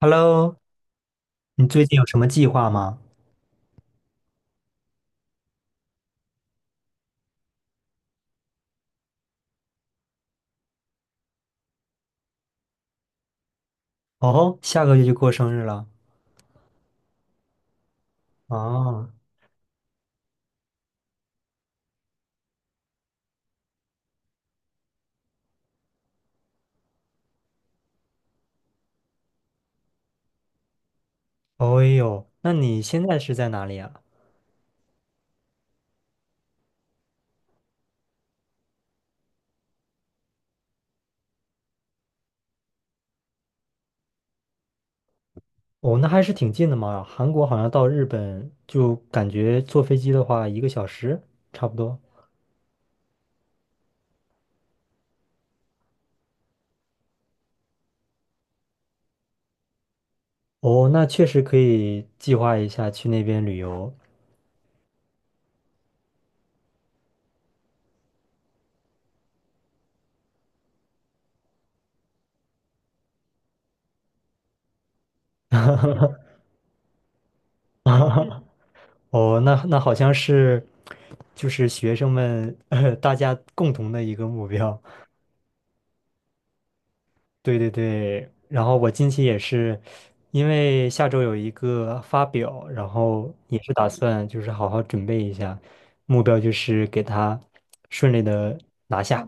Hello，你最近有什么计划吗？哦，下个月就过生日了。哦，哦呦，那你现在是在哪里啊？哦，那还是挺近的嘛。韩国好像到日本就感觉坐飞机的话，一个小时差不多。哦，那确实可以计划一下去那边旅游。哦，那好像是就是学生们，大家共同的一个目标。对对对，然后我近期也是，因为下周有一个发表，然后也是打算就是好好准备一下，目标就是给他顺利的拿下，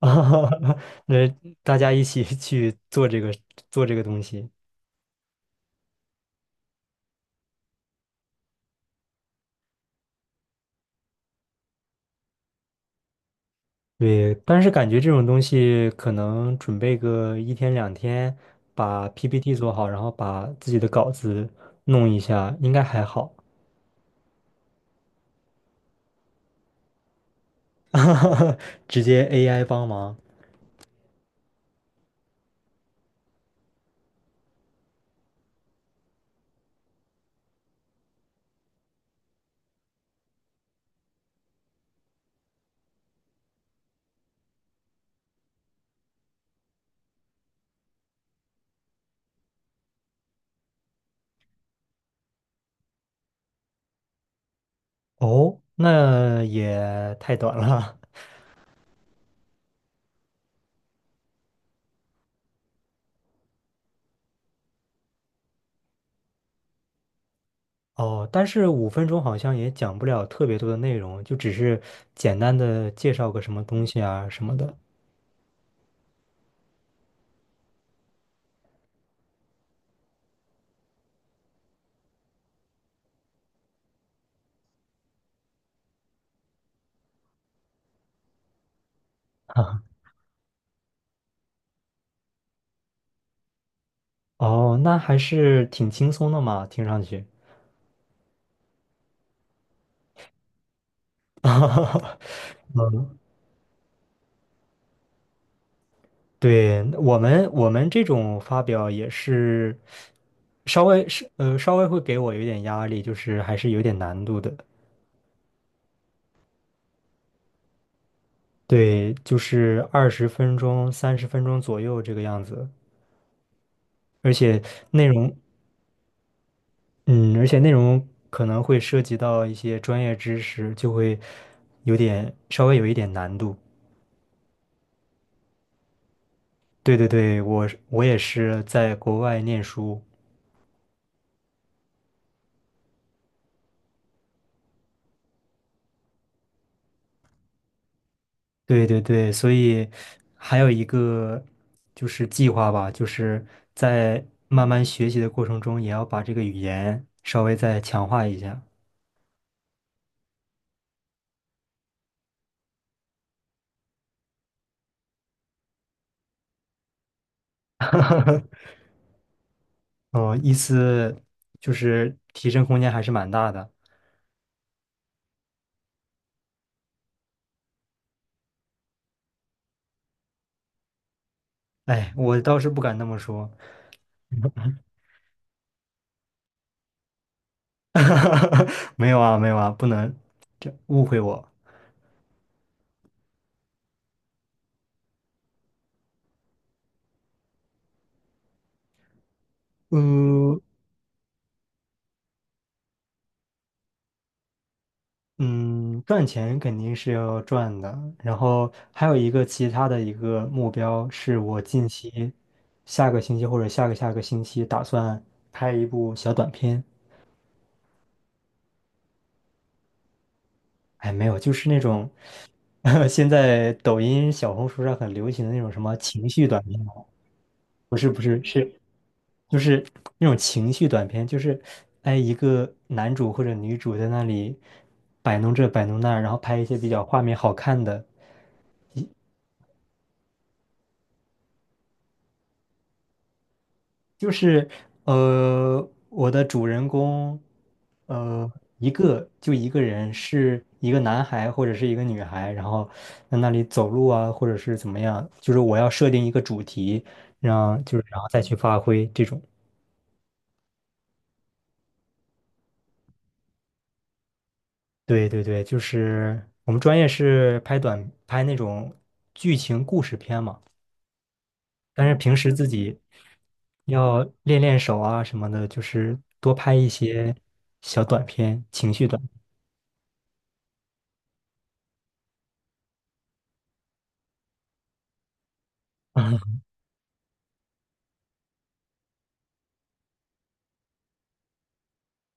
啊那大家一起去做这个东西。对，但是感觉这种东西可能准备个一天两天，把 PPT 做好，然后把自己的稿子弄一下，应该还好，直接 AI 帮忙。哦，那也太短了。哦，但是5分钟好像也讲不了特别多的内容，就只是简单的介绍个什么东西啊什么的。哦，那还是挺轻松的嘛，听上去。对，我们这种发表也是稍微会给我有点压力，就是还是有点难度的。对，就是20分钟、30分钟左右这个样子，而且内容嗯，而且内容可能会涉及到一些专业知识，就会有点稍微有一点难度。对对对，我也是在国外念书，对对对，所以还有一个就是计划吧，就是在慢慢学习的过程中，也要把这个语言稍微再强化一下。哦，意思就是提升空间还是蛮大的。哎，我倒是不敢那么说。哈哈，没有啊，没有啊，不能这误会我。嗯嗯，赚钱肯定是要赚的，然后还有一个其他的一个目标是我近期下个星期或者下个下个星期打算拍一部小短片。哎，没有，就是那种 现在抖音、小红书上很流行的那种什么情绪短片啊不是不是是。就是那种情绪短片，就是哎一个男主或者女主在那里摆弄这摆弄那，然后拍一些比较画面好看的，就是我的主人公呃一个人是一个男孩或者是一个女孩，然后在那里走路啊或者是怎么样，就是我要设定一个主题，让就是然后再去发挥这种。对对对，就是我们专业是拍那种剧情故事片嘛，但是平时自己要练练手啊什么的，就是多拍一些小短片，情绪短片。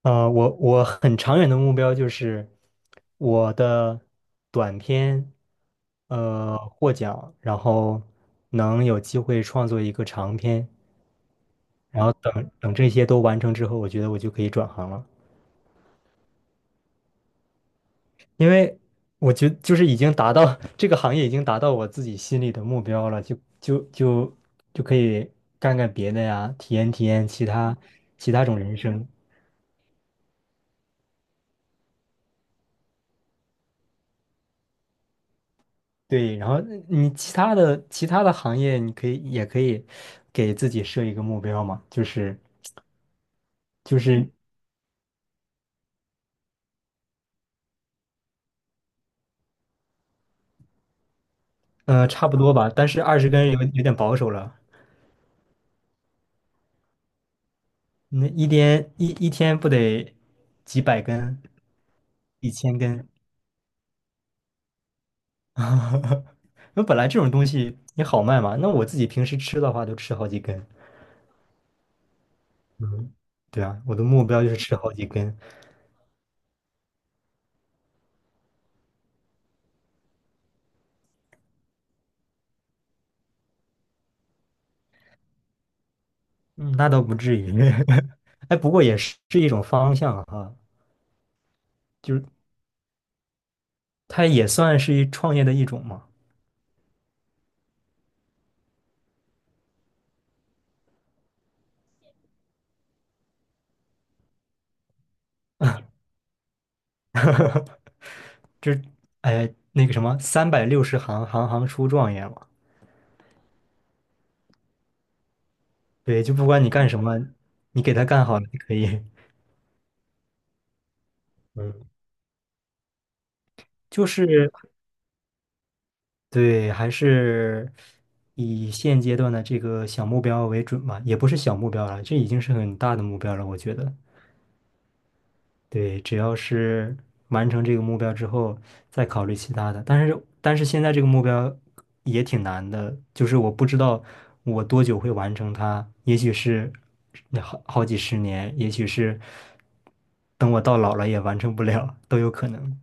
我很长远的目标就是我的短片，获奖，然后能有机会创作一个长片，然后等等这些都完成之后，我觉得我就可以转行了。因为我觉得就是已经达到 这个行业已经达到我自己心里的目标了，就可以干干别的呀，体验体验其他种人生。对，然后你其他的行业，你可以也可以给自己设一个目标嘛，就是差不多吧，但是20根有点保守了，那一天不得几百根，1000根。那本来这种东西也好卖嘛，那我自己平时吃的话都吃好几根，嗯对啊，我的目标就是吃好几根，嗯，那倒不至于。哎，不过也是一种方向哈，就是它也算是一创业的一种嘛，就是哎那个什么三百六十行，行行出状元嘛，对，就不管你干什么，你给他干好了就可以。嗯就是对，还是以现阶段的这个小目标为准吧，也不是小目标了，这已经是很大的目标了，我觉得。对，只要是完成这个目标之后，再考虑其他的。但是现在这个目标也挺难的，就是我不知道我多久会完成它，也许是好几十年，也许是等我到老了也完成不了，都有可能。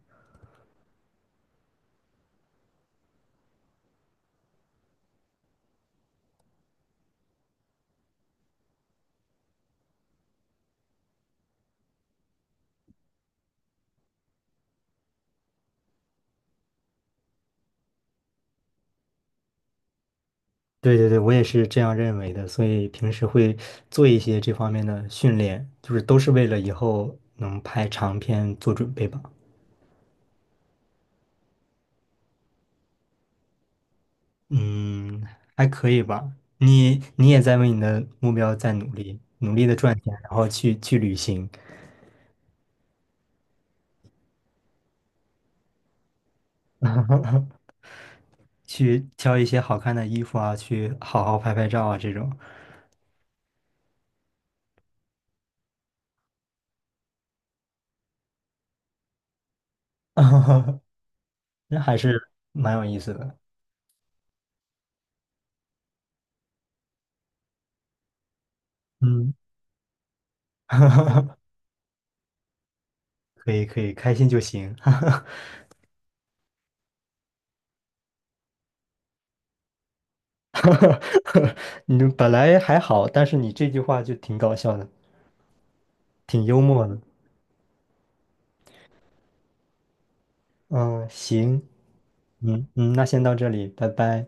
对对对，我也是这样认为的，所以平时会做一些这方面的训练，就是都是为了以后能拍长片做准备吧。嗯，还可以吧。你也在为你的目标在努力，努力的赚钱，然后去旅行，去挑一些好看的衣服啊，去好好拍拍照啊，这种，那还是蛮有意思的。嗯，可以可以，开心就行。你本来还好，但是你这句话就挺搞笑的，挺幽默的。嗯，行，嗯嗯，那先到这里，拜拜。